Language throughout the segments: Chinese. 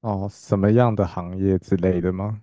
哦，什么样的行业之类的吗？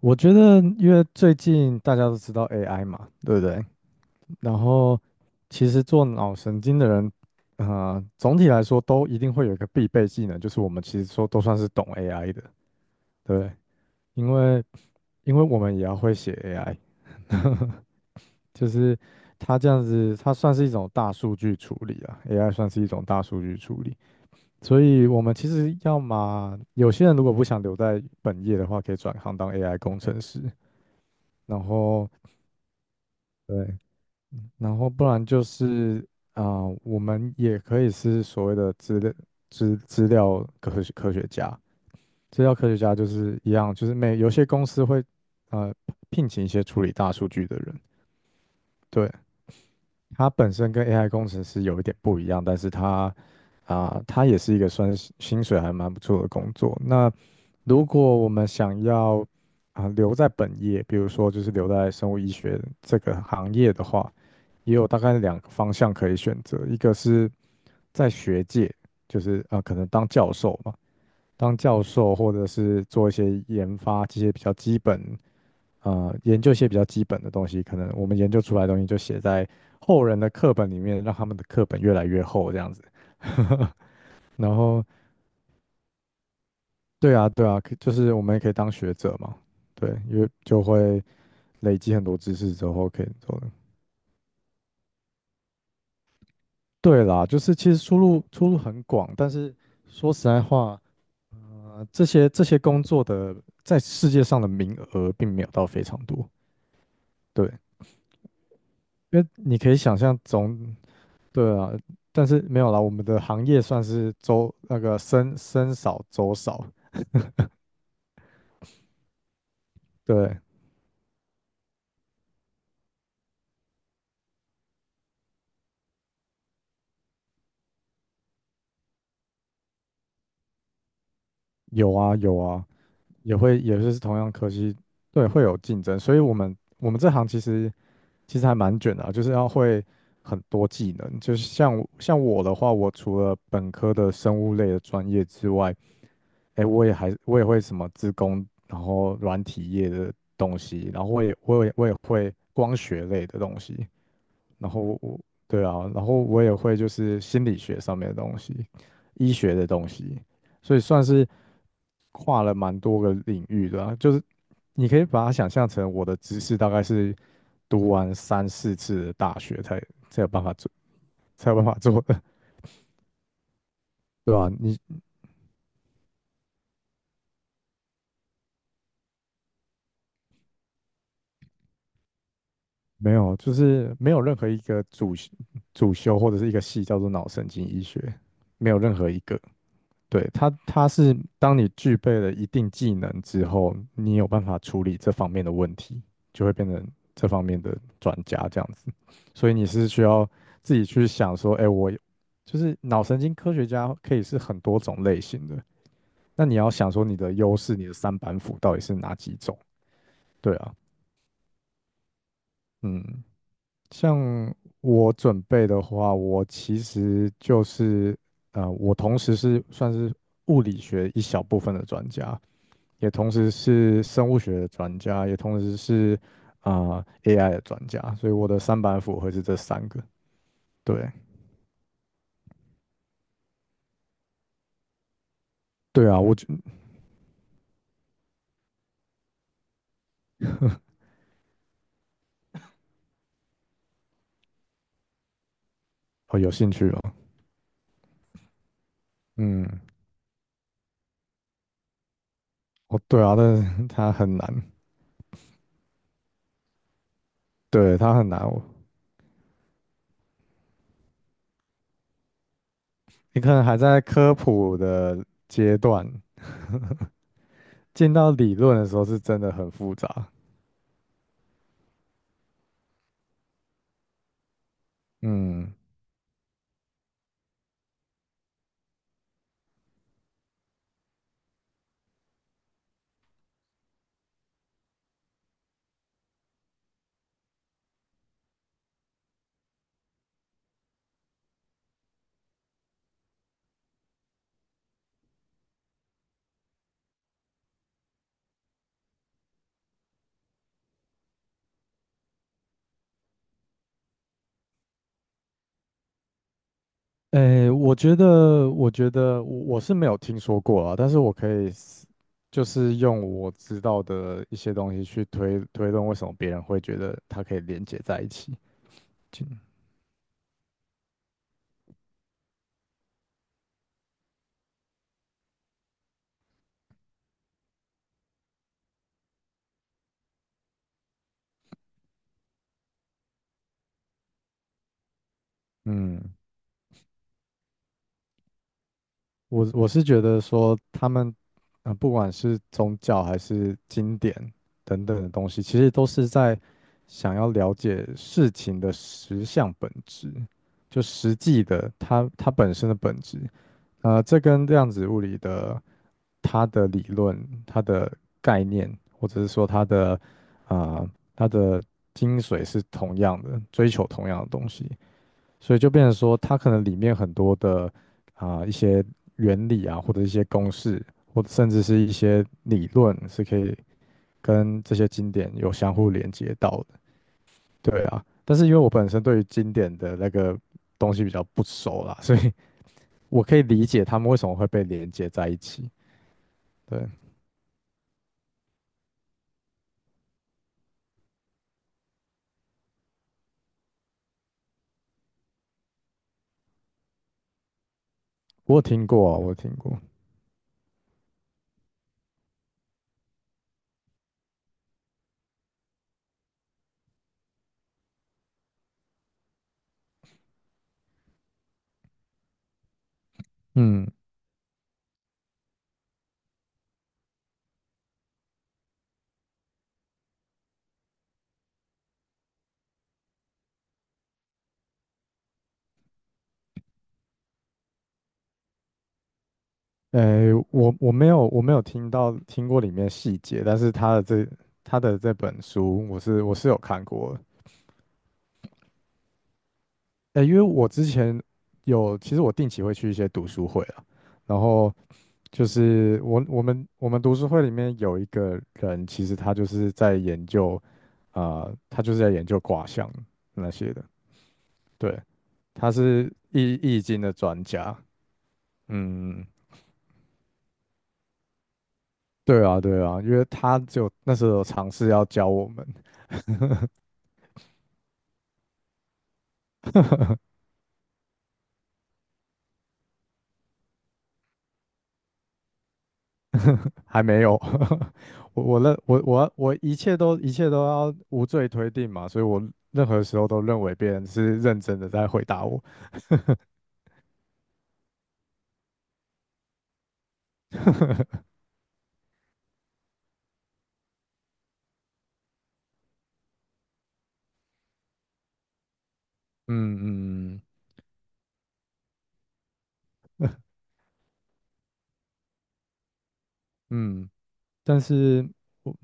我觉得，因为最近大家都知道 AI 嘛，对不对？然后，其实做脑神经的人，啊，总体来说都一定会有一个必备技能，就是我们其实说都算是懂 AI 的，对不对？因为，因为我们也要会写 AI，就是它这样子，它算是一种大数据处理啊，AI 算是一种大数据处理。所以我们其实要么有些人如果不想留在本业的话，可以转行当 AI 工程师，然后对，然后不然就是我们也可以是所谓的资料科学家，资料科学家就是一样，就是每有些公司会呃聘请一些处理大数据的人，对，它本身跟 AI 工程师有一点不一样，但是它也是一个算是薪水还蛮不错的工作。那如果我们想要留在本业，比如说就是留在生物医学这个行业的话，也有大概两个方向可以选择，一个是在学界，就是可能当教授嘛，当教授或者是做一些研发这些比较基本。研究一些比较基本的东西，可能我们研究出来的东西就写在后人的课本里面，让他们的课本越来越厚这样子。然后，对啊，对啊，可就是我们也可以当学者嘛，对，因为就会累积很多知识之后可以做的对啦，就是其实出路很广，但是说实在话，这些工作的在世界上的名额并没有到非常多，对，因为你可以想象对啊，但是没有啦，我们的行业算是周那个僧少粥少，对，有啊有啊，也是同样科系，对，会有竞争，所以我们这行其实还蛮卷的啊，就是要会很多技能，就是像我的话，我除了本科的生物类的专业之外，哎，我也会什么资工，然后软体业的东西，然后我也会光学类的东西，然后对啊，然后我也会就是心理学上面的东西，医学的东西，所以算是跨了蛮多个领域的啊就是你可以把它想象成我的知识大概是读完三四次的大学才有办法做，才有办法做的，对吧、你没有，就是没有任何一个主修或者是一个系叫做脑神经医学，没有任何一个。对，它是当你具备了一定技能之后，你有办法处理这方面的问题，就会变成这方面的专家这样子。所以你是需要自己去想说，哎，我就是脑神经科学家可以是很多种类型的，那你要想说你的优势，你的三板斧到底是哪几种？对啊，嗯，像我准备的话，我其实就是，我同时是算是物理学一小部分的专家。也同时是生物学的专家，也同时是AI 的专家，所以我的三板斧会是这三个。对对啊，哦有兴趣哦，嗯，哦对啊，但是它很难，对它很难，你可能还在科普的阶段，进到理论的时候是真的很复杂，嗯，诶，我觉得我是没有听说过啊，但是我可以是就是用我知道的一些东西去推动，为什么别人会觉得它可以连接在一起。就嗯，我是觉得说他们，不管是宗教还是经典等等的东西，其实都是在想要了解事情的实相本质，就实际的它本身的本质。这跟量子物理的它的理论、它的概念，或者是说它的精髓是同样的，追求同样的东西，所以就变成说，它可能里面很多的一些原理啊，或者一些公式，或者甚至是一些理论，是可以跟这些经典有相互连接到的。对啊，但是因为我本身对于经典的那个东西比较不熟啦，所以我可以理解他们为什么会被连接在一起。对，我有听过啊，我有听过。嗯，我没有听过里面细节，但是他的这本书，我是有看过的。因为我之前有，其实我定期会去一些读书会啊，然后就是我们读书会里面有一个人，其实他就是在研究，他就是在研究卦象那些的。对，他是易经的专家，嗯，对啊，对啊，因为他就那时候有尝试要教我们，还没有，我我那我我我一切都一切都要无罪推定嘛，所以我任何时候都认为别人是认真的在回答我，嗯嗯嗯，但是我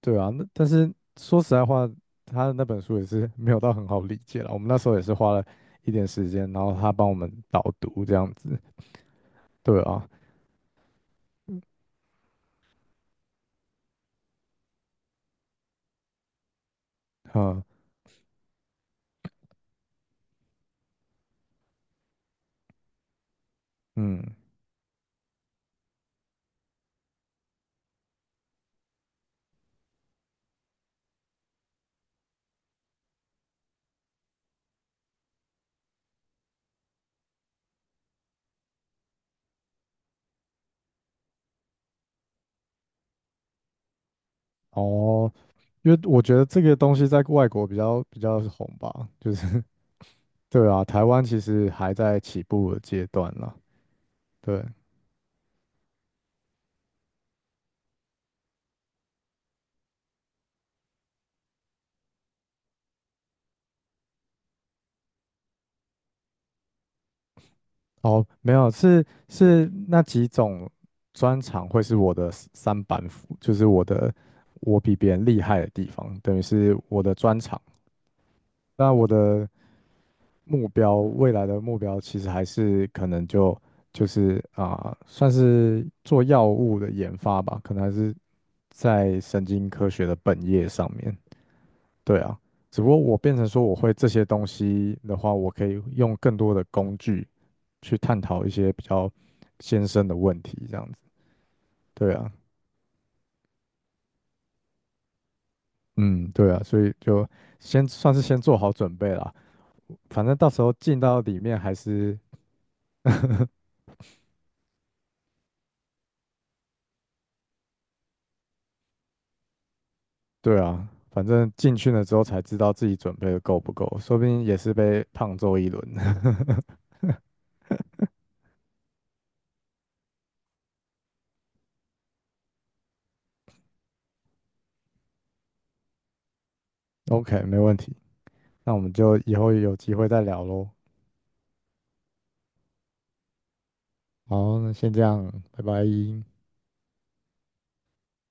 对啊，那但是说实在话，他的那本书也是没有到很好理解了，我们那时候也是花了一点时间，然后他帮我们导读这样子，对啊，嗯嗯，哦，因为我觉得这个东西在外国比较红吧，就是 对啊，台湾其实还在起步的阶段啦。对，哦，没有，是那几种专长会是我的 三板斧，就是我的我比别人厉害的地方，等于是我的专长。那我的目标，未来的目标其实还是可能就是算是做药物的研发吧，可能还是在神经科学的本业上面。对啊，只不过我变成说我会这些东西的话，我可以用更多的工具去探讨一些比较艰深的问题，这样子。对啊，嗯，对啊，所以就先算是先做好准备啦。反正到时候进到里面还是，对啊，反正进去了之后才知道自己准备的够不够，说不定也是被胖揍一轮。OK,没问题，那我们就以后有机会再聊喽。好，那先这样，拜拜。